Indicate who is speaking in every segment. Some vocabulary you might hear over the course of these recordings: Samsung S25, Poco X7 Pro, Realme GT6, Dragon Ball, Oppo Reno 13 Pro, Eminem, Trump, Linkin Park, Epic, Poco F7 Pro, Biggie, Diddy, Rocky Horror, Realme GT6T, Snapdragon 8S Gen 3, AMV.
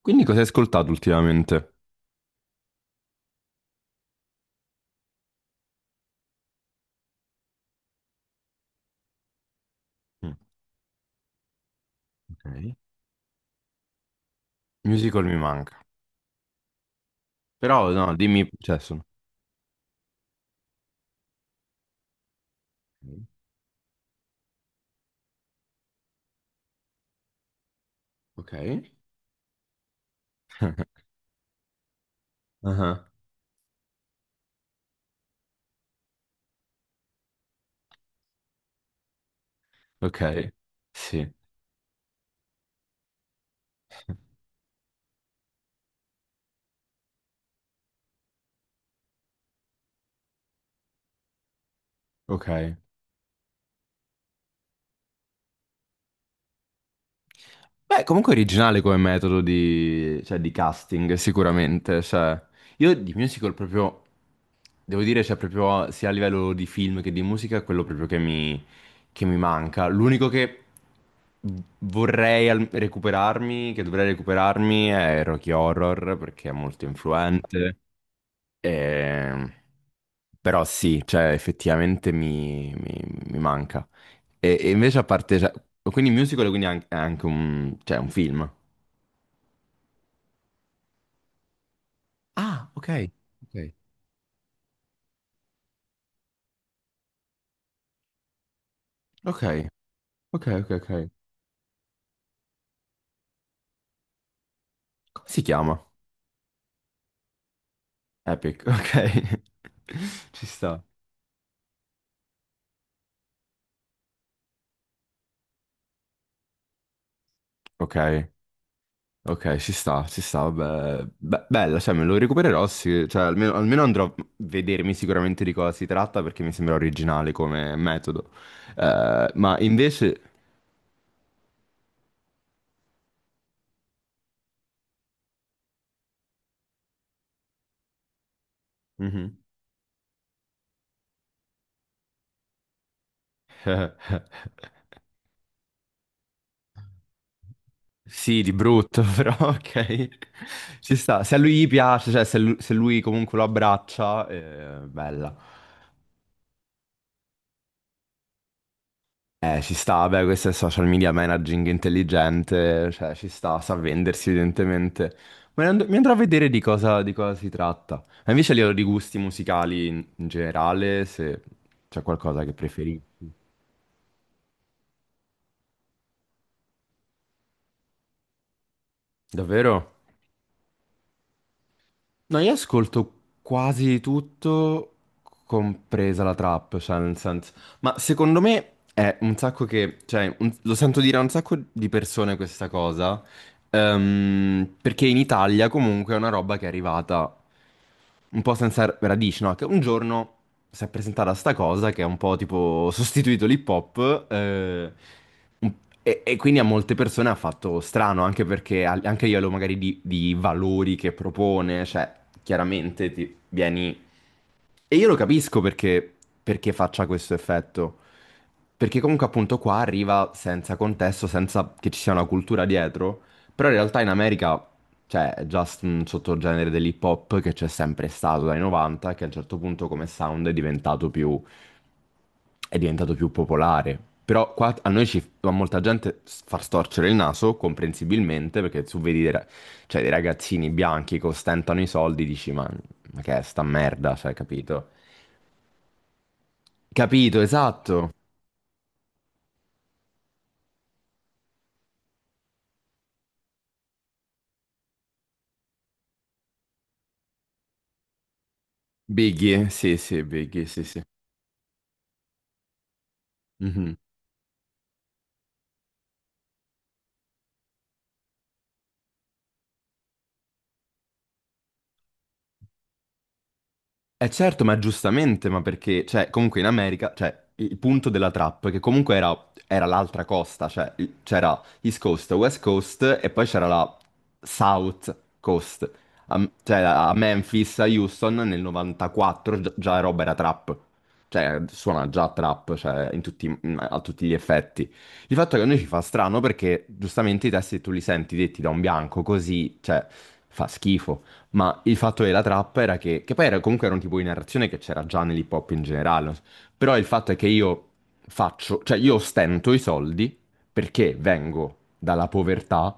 Speaker 1: Quindi cosa hai ascoltato ultimamente? Mm. Ok, musical mi manca. Però no, dimmi, cioè sono ok. Ok? Ah, ok, sì, ok. Beh, comunque originale come metodo di, cioè, di casting, sicuramente. Cioè, io di musical proprio, devo dire, cioè, proprio sia a livello di film che di musica, è quello proprio che che mi manca. L'unico che vorrei recuperarmi, che dovrei recuperarmi, è Rocky Horror, perché è molto influente. Ehm, Però sì, cioè effettivamente mi manca. E invece a cioè, quindi musical, quindi è anche un, cioè, un film. Ah, ok, ok. Ok, ok, ok, ok. Come si chiama? Epic, ok. Ci sta. Ok, ok, ci sta, vabbè. Bella, cioè me lo recupererò, sì, cioè almeno, almeno andrò a vedermi sicuramente di cosa si tratta perché mi sembra originale come metodo. Ma Mhm. Sì, di brutto, però ok. Ci sta. Se a lui gli piace, cioè se se lui, comunque lo abbraccia, bella. Ci sta, beh, questo è social media managing intelligente, cioè ci sta, sa vendersi evidentemente. Ma mi andrò a vedere di di cosa si tratta. Ma invece a livello di gusti musicali in generale, se c'è qualcosa che preferisci. Davvero? No, io ascolto quasi tutto, compresa la trap, cioè nel senso. Ma secondo me è un sacco che. Cioè, lo sento dire a un sacco di persone questa cosa, perché in Italia comunque è una roba che è arrivata un po' senza radici, no? Che un giorno si è presentata sta cosa che è un po' tipo sostituito l'hip hop un- e quindi a molte persone ha fatto strano, anche perché anche a livello magari di valori che propone, cioè chiaramente ti vieni e io lo capisco perché, perché faccia questo effetto. Perché comunque appunto qua arriva senza contesto, senza che ci sia una cultura dietro. Però in realtà in America c'è già un sottogenere dell'hip hop che c'è sempre stato dai 90, che a un certo punto come sound è diventato più popolare. Però qua a noi ci a molta gente far storcere il naso, comprensibilmente, perché tu vedi dei, cioè, dei ragazzini bianchi che ostentano i soldi, dici ma che è sta merda, cioè, capito? Capito, esatto. Biggie, sì, sì, Biggie, sì, sì. Mhm. Eh certo, ma giustamente, ma perché, cioè, comunque in America, cioè, il punto della trap, che comunque era, era l'altra costa, cioè, c'era East Coast, West Coast, e poi c'era la South Coast, cioè, a Memphis, a Houston, nel 94, già roba era trap, cioè, suona già trap, cioè, in tutti, a tutti gli effetti. Il fatto che a noi ci fa strano perché, giustamente, i testi tu li senti detti da un bianco, così, cioè, fa schifo. Ma il fatto della trappa era che poi era, comunque era un tipo di narrazione che c'era già nell'hip hop in generale, no? Però il fatto è che io faccio, cioè io stento i soldi perché vengo dalla povertà,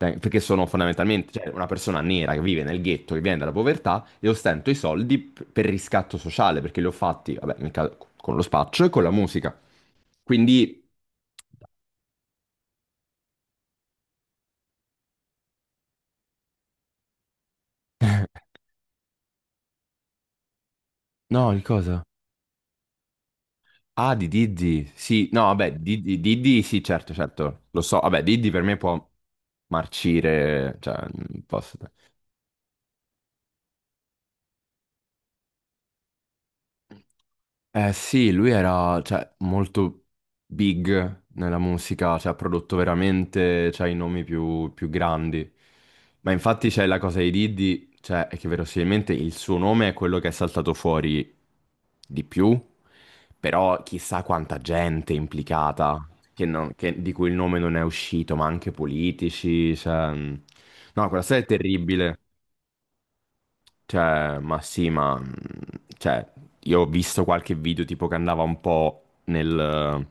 Speaker 1: perché sono fondamentalmente, cioè, una persona nera che vive nel ghetto, che viene dalla povertà, e ostento i soldi per riscatto sociale, perché li ho fatti, vabbè, con lo spaccio e con la musica. Quindi... No, di cosa? Ah, di Diddy, sì, no, vabbè, Diddy, Diddy, sì, certo, certo, lo so, vabbè, Diddy per me può marcire, cioè, non posso. Eh sì, lui era, cioè, molto big nella musica, cioè, ha prodotto veramente, cioè, i nomi più grandi. Ma infatti c'è la cosa di Diddy, cioè, è che verosimilmente il suo nome è quello che è saltato fuori di più, però chissà quanta gente è implicata, che di cui il nome non è uscito, ma anche politici, cioè... mm. No, quella storia è terribile. Cioè, ma sì, ma... cioè, io ho visto qualche video tipo che andava un po' nel...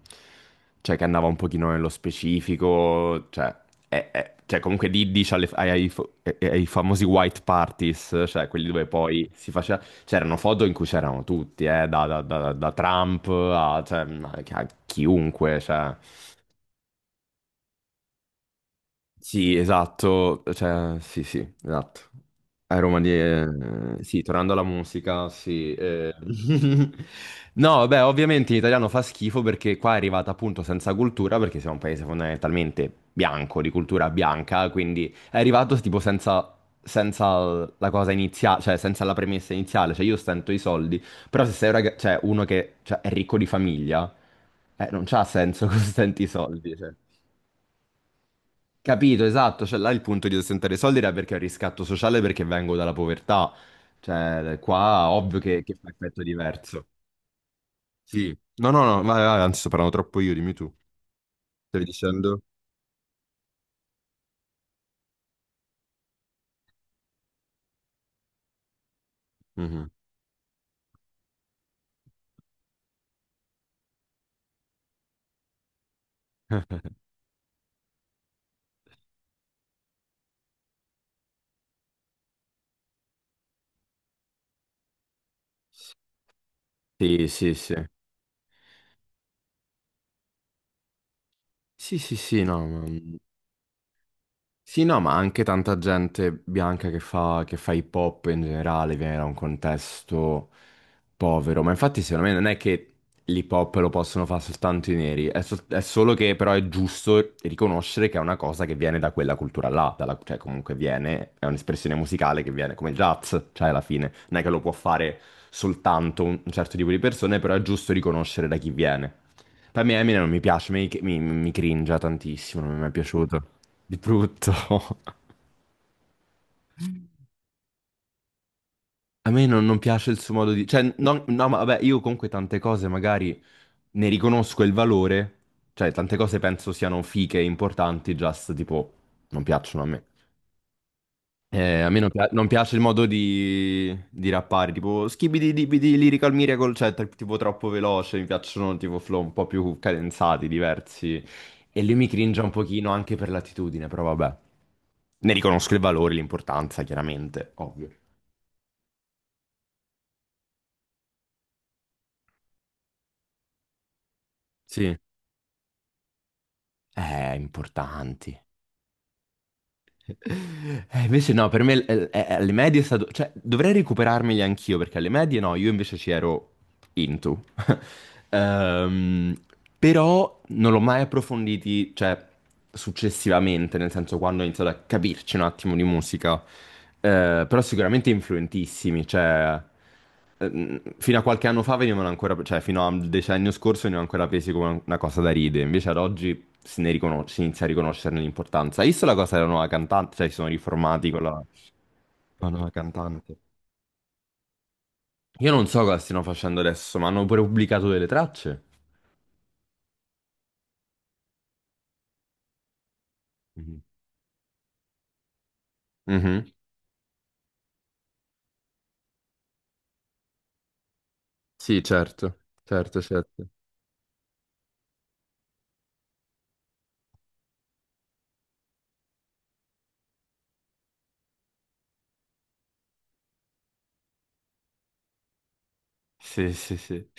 Speaker 1: Cioè, che andava un pochino nello specifico, cioè... cioè, comunque lì dice ai famosi white parties, cioè quelli dove poi si faceva... C'erano foto in cui c'erano tutti, da Trump a, cioè, a a chiunque, cioè... Sì, esatto, cioè, sì, sì, esatto. A Roma di... sì, tornando alla musica, sì. Eh. No, vabbè, ovviamente in italiano fa schifo perché qua è arrivata appunto senza cultura, perché siamo un paese fondamentalmente bianco, di cultura bianca, quindi è arrivato tipo senza, senza la cosa iniziale, cioè senza la premessa iniziale, cioè io stento i soldi, però se sei un cioè, uno che cioè, è ricco di famiglia, non c'ha senso che stenti i soldi, cioè. Capito, esatto, cioè là il punto di ostentare i soldi era perché è un riscatto sociale perché vengo dalla povertà, cioè qua ovvio che fa effetto diverso. Sì, no, no, no, vai, vai, anzi sto parlando troppo io, dimmi tu, stavi dicendo? Mhm. Sì, sì, sì, sì, sì, sì, no, sì, no, ma anche tanta gente bianca che fa hip hop in generale viene da un contesto povero, ma infatti secondo me non è che l'hip hop lo possono fare soltanto i neri, è, è solo che però è giusto riconoscere che è una cosa che viene da quella cultura là, cioè comunque viene, è un'espressione musicale che viene come il jazz, cioè alla fine non è che lo può fare soltanto un certo tipo di persone, però è giusto riconoscere da chi viene. Per me Eminem non mi piace, mi cringia tantissimo, non mi è mai piaciuto. Di brutto. A me non piace il suo modo di. Cioè, no, ma vabbè, io comunque tante cose magari ne riconosco il valore, cioè tante cose penso siano fiche, importanti, just tipo, non piacciono a me. A me non piace il modo di rappare, tipo skibidi dibidi lyrical miracle, cioè tipo troppo veloce, mi piacciono tipo flow un po' più cadenzati, diversi. E lui mi cringe un pochino anche per l'attitudine, però vabbè. Ne riconosco il valore, l'importanza, chiaramente, ovvio. Sì. Importanti. Invece no, per me alle medie è stato... Cioè, dovrei recuperarmeli anch'io, perché alle medie no, io invece ci ero into. Ehm, Però non l'ho mai approfonditi, cioè, successivamente, nel senso quando ho iniziato a capirci un attimo di musica. Però sicuramente influentissimi, cioè... fino a qualche anno fa venivano ancora, cioè fino al decennio scorso venivano ancora presi come una cosa da ride, invece ad oggi se si inizia a riconoscerne l'importanza. Hai visto la cosa della nuova cantante? Cioè, si sono riformati con la nuova cantante. Io non so cosa stiano facendo adesso, ma hanno pure pubblicato delle tracce. Mhm. Mhm. Sì, certo, certo, certo. Sì, sì, sì.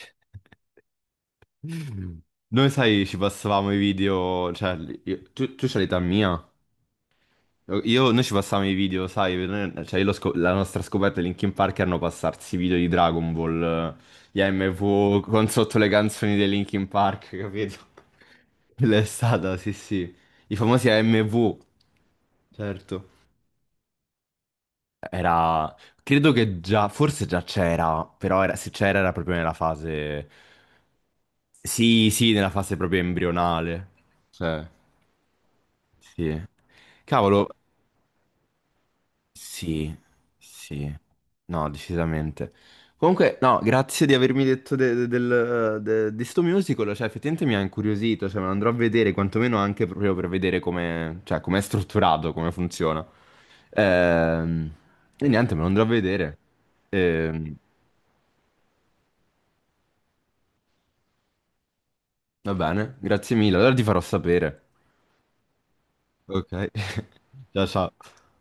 Speaker 1: Noi, sai, ci passavamo i video, cioè, tu c'hai l'età mia. Io, noi ci passavamo i video, sai, cioè, io la nostra scoperta di Linkin Park erano passarsi i video di Dragon Ball, gli AMV, con sotto le canzoni dei Linkin Park, capito? Quella è stata, sì, sì. I famosi AMV, certo. Era, credo che già, forse già c'era, però se c'era era proprio nella fase, sì, sì, nella fase proprio embrionale, cioè, sì. Cavolo, sì, sì, no, decisamente. Comunque, no, grazie di avermi detto del, di sto musical, cioè effettivamente mi ha incuriosito, cioè me lo andrò a vedere, quantomeno anche proprio per vedere come, cioè, com'è strutturato, come funziona. Ehm, e niente, me lo andrò a vedere. Ehm, va bene, grazie mille, allora ti farò sapere. Ok, ciao ciao.